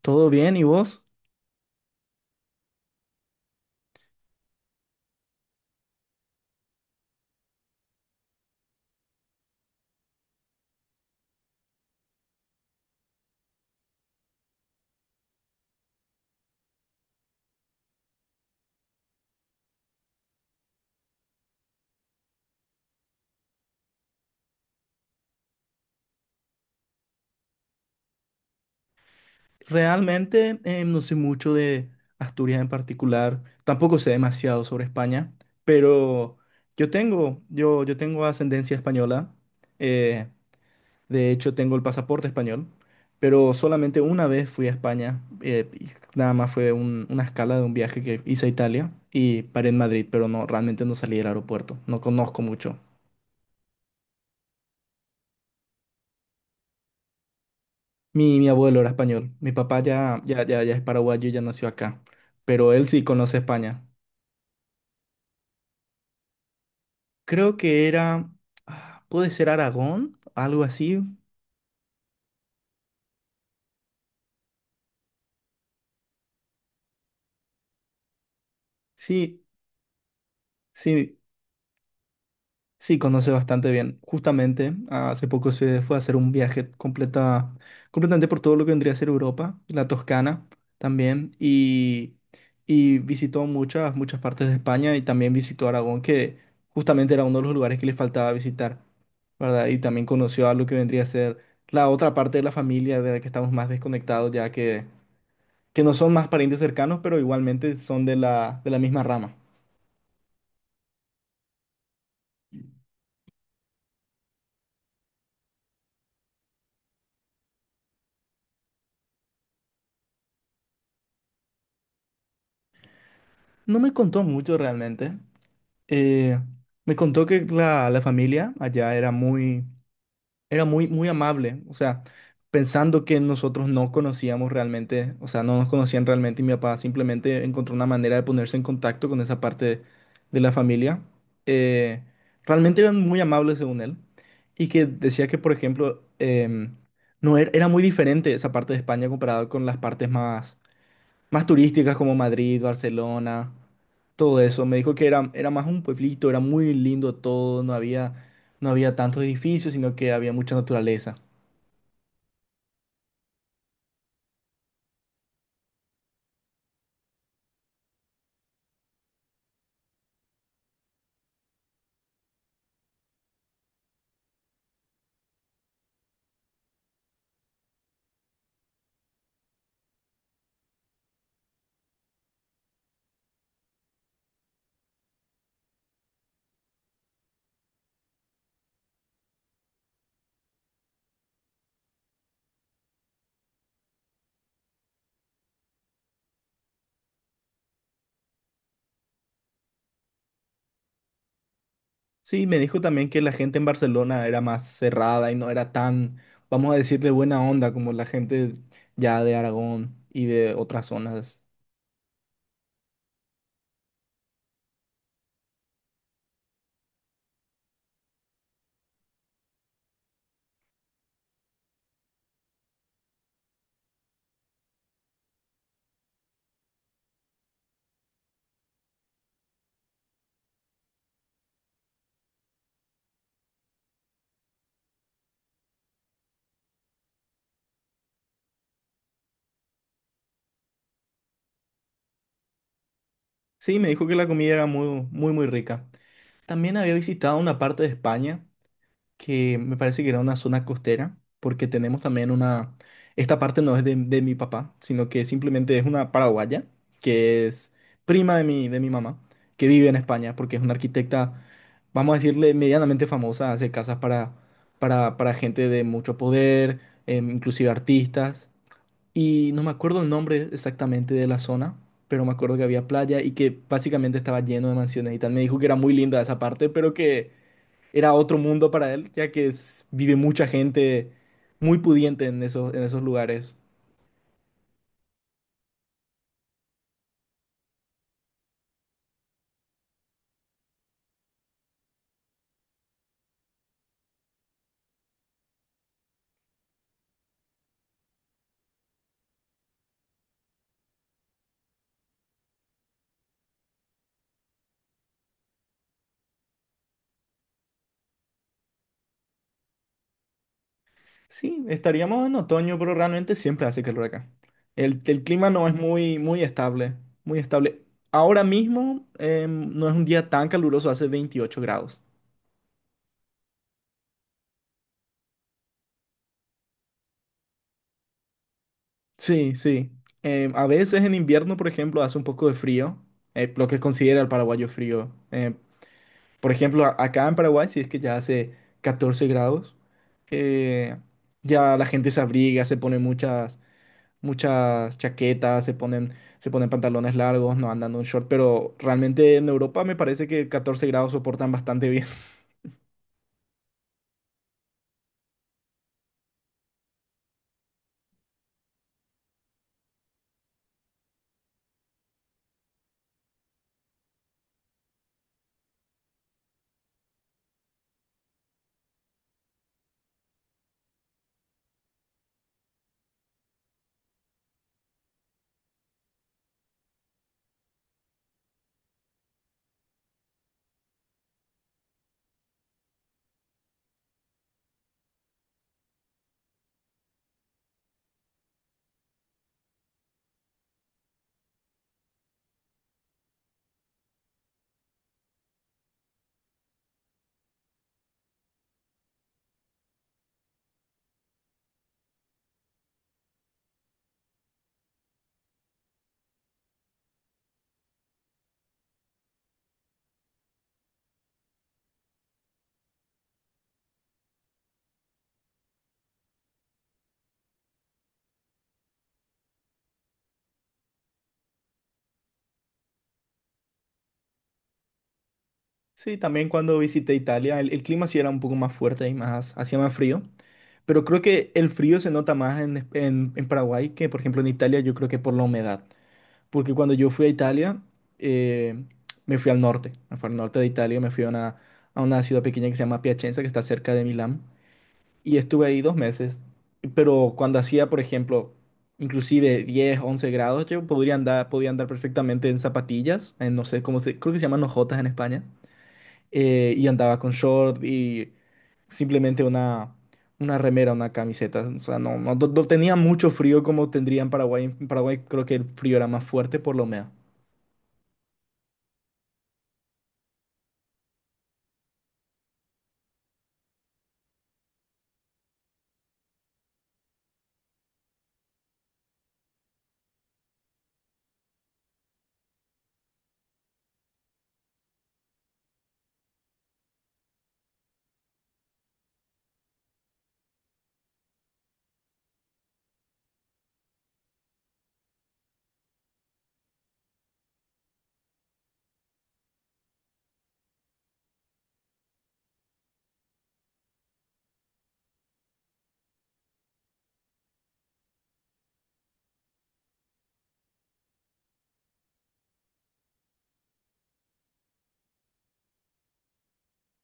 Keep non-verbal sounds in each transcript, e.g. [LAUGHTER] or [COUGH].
¿Todo bien? ¿Y vos? Realmente no sé mucho de Asturias en particular, tampoco sé demasiado sobre España, pero yo tengo ascendencia española, eh, de hecho tengo el pasaporte español, pero solamente una vez fui a España, y nada más fue una escala de un viaje que hice a Italia y paré en Madrid, pero no, realmente no salí del aeropuerto, no conozco mucho. Mi abuelo era español, mi papá ya es paraguayo y ya nació acá, pero él sí conoce España. Creo que era, puede ser Aragón, algo así. Sí, sí, sí, conoce bastante bien. Justamente, hace poco se fue a hacer un viaje completamente por todo lo que vendría a ser Europa, la Toscana también, y visitó muchas partes de España y también visitó Aragón, que justamente era uno de los lugares que le faltaba visitar, ¿verdad? Y también conoció a lo que vendría a ser la otra parte de la familia de la que estamos más desconectados, ya que no son más parientes cercanos, pero igualmente son de la misma rama. No me contó mucho realmente. Eh, me contó que la familia allá era muy, era muy, muy amable. O sea, pensando que nosotros no conocíamos realmente, o sea, no nos conocían realmente, y mi papá simplemente encontró una manera de ponerse en contacto con esa parte de la familia. Eh, realmente eran muy amables según él, y que decía que, por ejemplo, em, no era, era muy diferente esa parte de España comparado con las partes más turísticas como Madrid, Barcelona, todo eso. Me dijo que era más un pueblito, era muy lindo todo, no había tantos edificios, sino que había mucha naturaleza. Sí, me dijo también que la gente en Barcelona era más cerrada y no era tan, vamos a decirle, buena onda como la gente ya de Aragón y de otras zonas. Sí, me dijo que la comida era muy, muy, muy rica. También había visitado una parte de España que me parece que era una zona costera, porque tenemos también una... Esta parte no es de mi papá, sino que simplemente es una paraguaya, que es prima de mi mamá, que vive en España, porque es una arquitecta, vamos a decirle, medianamente famosa, hace casas para gente de mucho poder, inclusive artistas, y no me acuerdo el nombre exactamente de la zona, pero me acuerdo que había playa y que básicamente estaba lleno de mansiones y tal. Me dijo que era muy linda esa parte, pero que era otro mundo para él, ya que vive mucha gente muy pudiente en esos lugares. Sí, estaríamos en otoño, pero realmente siempre hace calor acá. El clima no es muy, muy estable, muy estable. Ahora mismo no es un día tan caluroso, hace 28 grados. Sí, sí. A veces en invierno, por ejemplo, hace un poco de frío, lo que considera el paraguayo frío. Por ejemplo, acá en Paraguay, si es que ya hace 14 grados, eh, ya la gente se abriga, se pone muchas chaquetas, se ponen pantalones largos, no andan en un short, pero realmente en Europa me parece que 14 grados soportan bastante bien. [LAUGHS] Sí, también cuando visité Italia, el clima sí era un poco más fuerte y más, hacía más frío, pero creo que el frío se nota más en Paraguay que, por ejemplo, en Italia. Yo creo que por la humedad. Porque cuando yo fui a Italia, eh, me fui al norte, me fui al norte de Italia, me fui A una, ciudad pequeña que se llama Piacenza, que está cerca de Milán, y estuve ahí 2 meses. Pero cuando hacía, por ejemplo, inclusive 10 11 grados, yo podía andar perfectamente en zapatillas, en no sé cómo se... Creo que se llaman hojotas en España, y andaba con short y simplemente una remera, una camiseta. O sea, no, no, no tenía mucho frío como tendría en Paraguay. En Paraguay creo que el frío era más fuerte, por lo menos.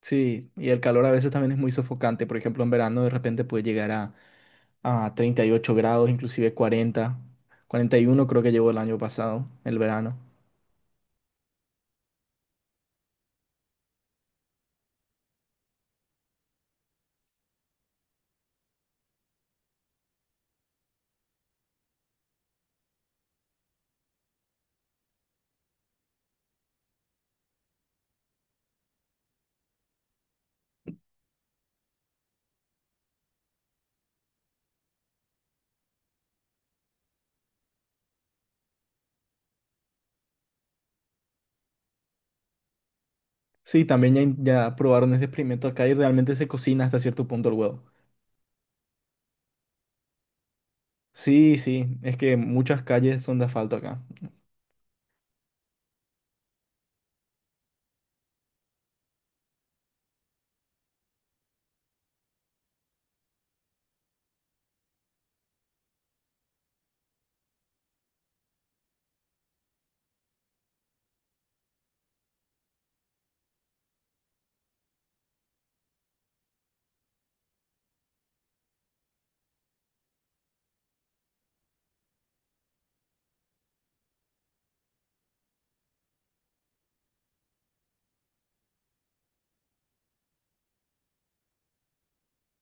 Sí, y el calor a veces también es muy sofocante. Por ejemplo, en verano de repente puede llegar a 38 grados, inclusive 40, 41 creo que llegó el año pasado, el verano. Sí, también ya, ya probaron ese experimento acá y realmente se cocina hasta cierto punto el huevo. Sí, sí, es que muchas calles son de asfalto acá.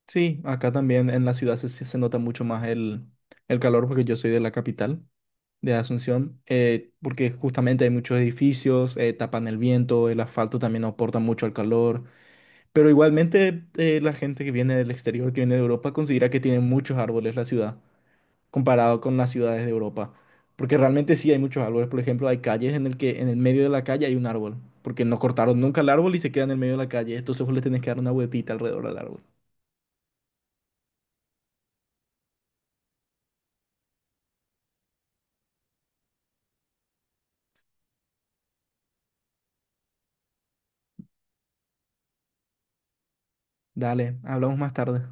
Sí, acá también en la ciudad se nota mucho más el calor, porque yo soy de la capital, de Asunción, porque justamente hay muchos edificios, tapan el viento, el asfalto también aporta mucho al calor. Pero igualmente la gente que viene del exterior, que viene de Europa, considera que tiene muchos árboles la ciudad, comparado con las ciudades de Europa. Porque realmente sí hay muchos árboles. Por ejemplo, hay calles en el que en el medio de la calle hay un árbol. Porque no cortaron nunca el árbol y se queda en el medio de la calle. Entonces vos le tenés que dar una vueltita alrededor del árbol. Dale, hablamos más tarde.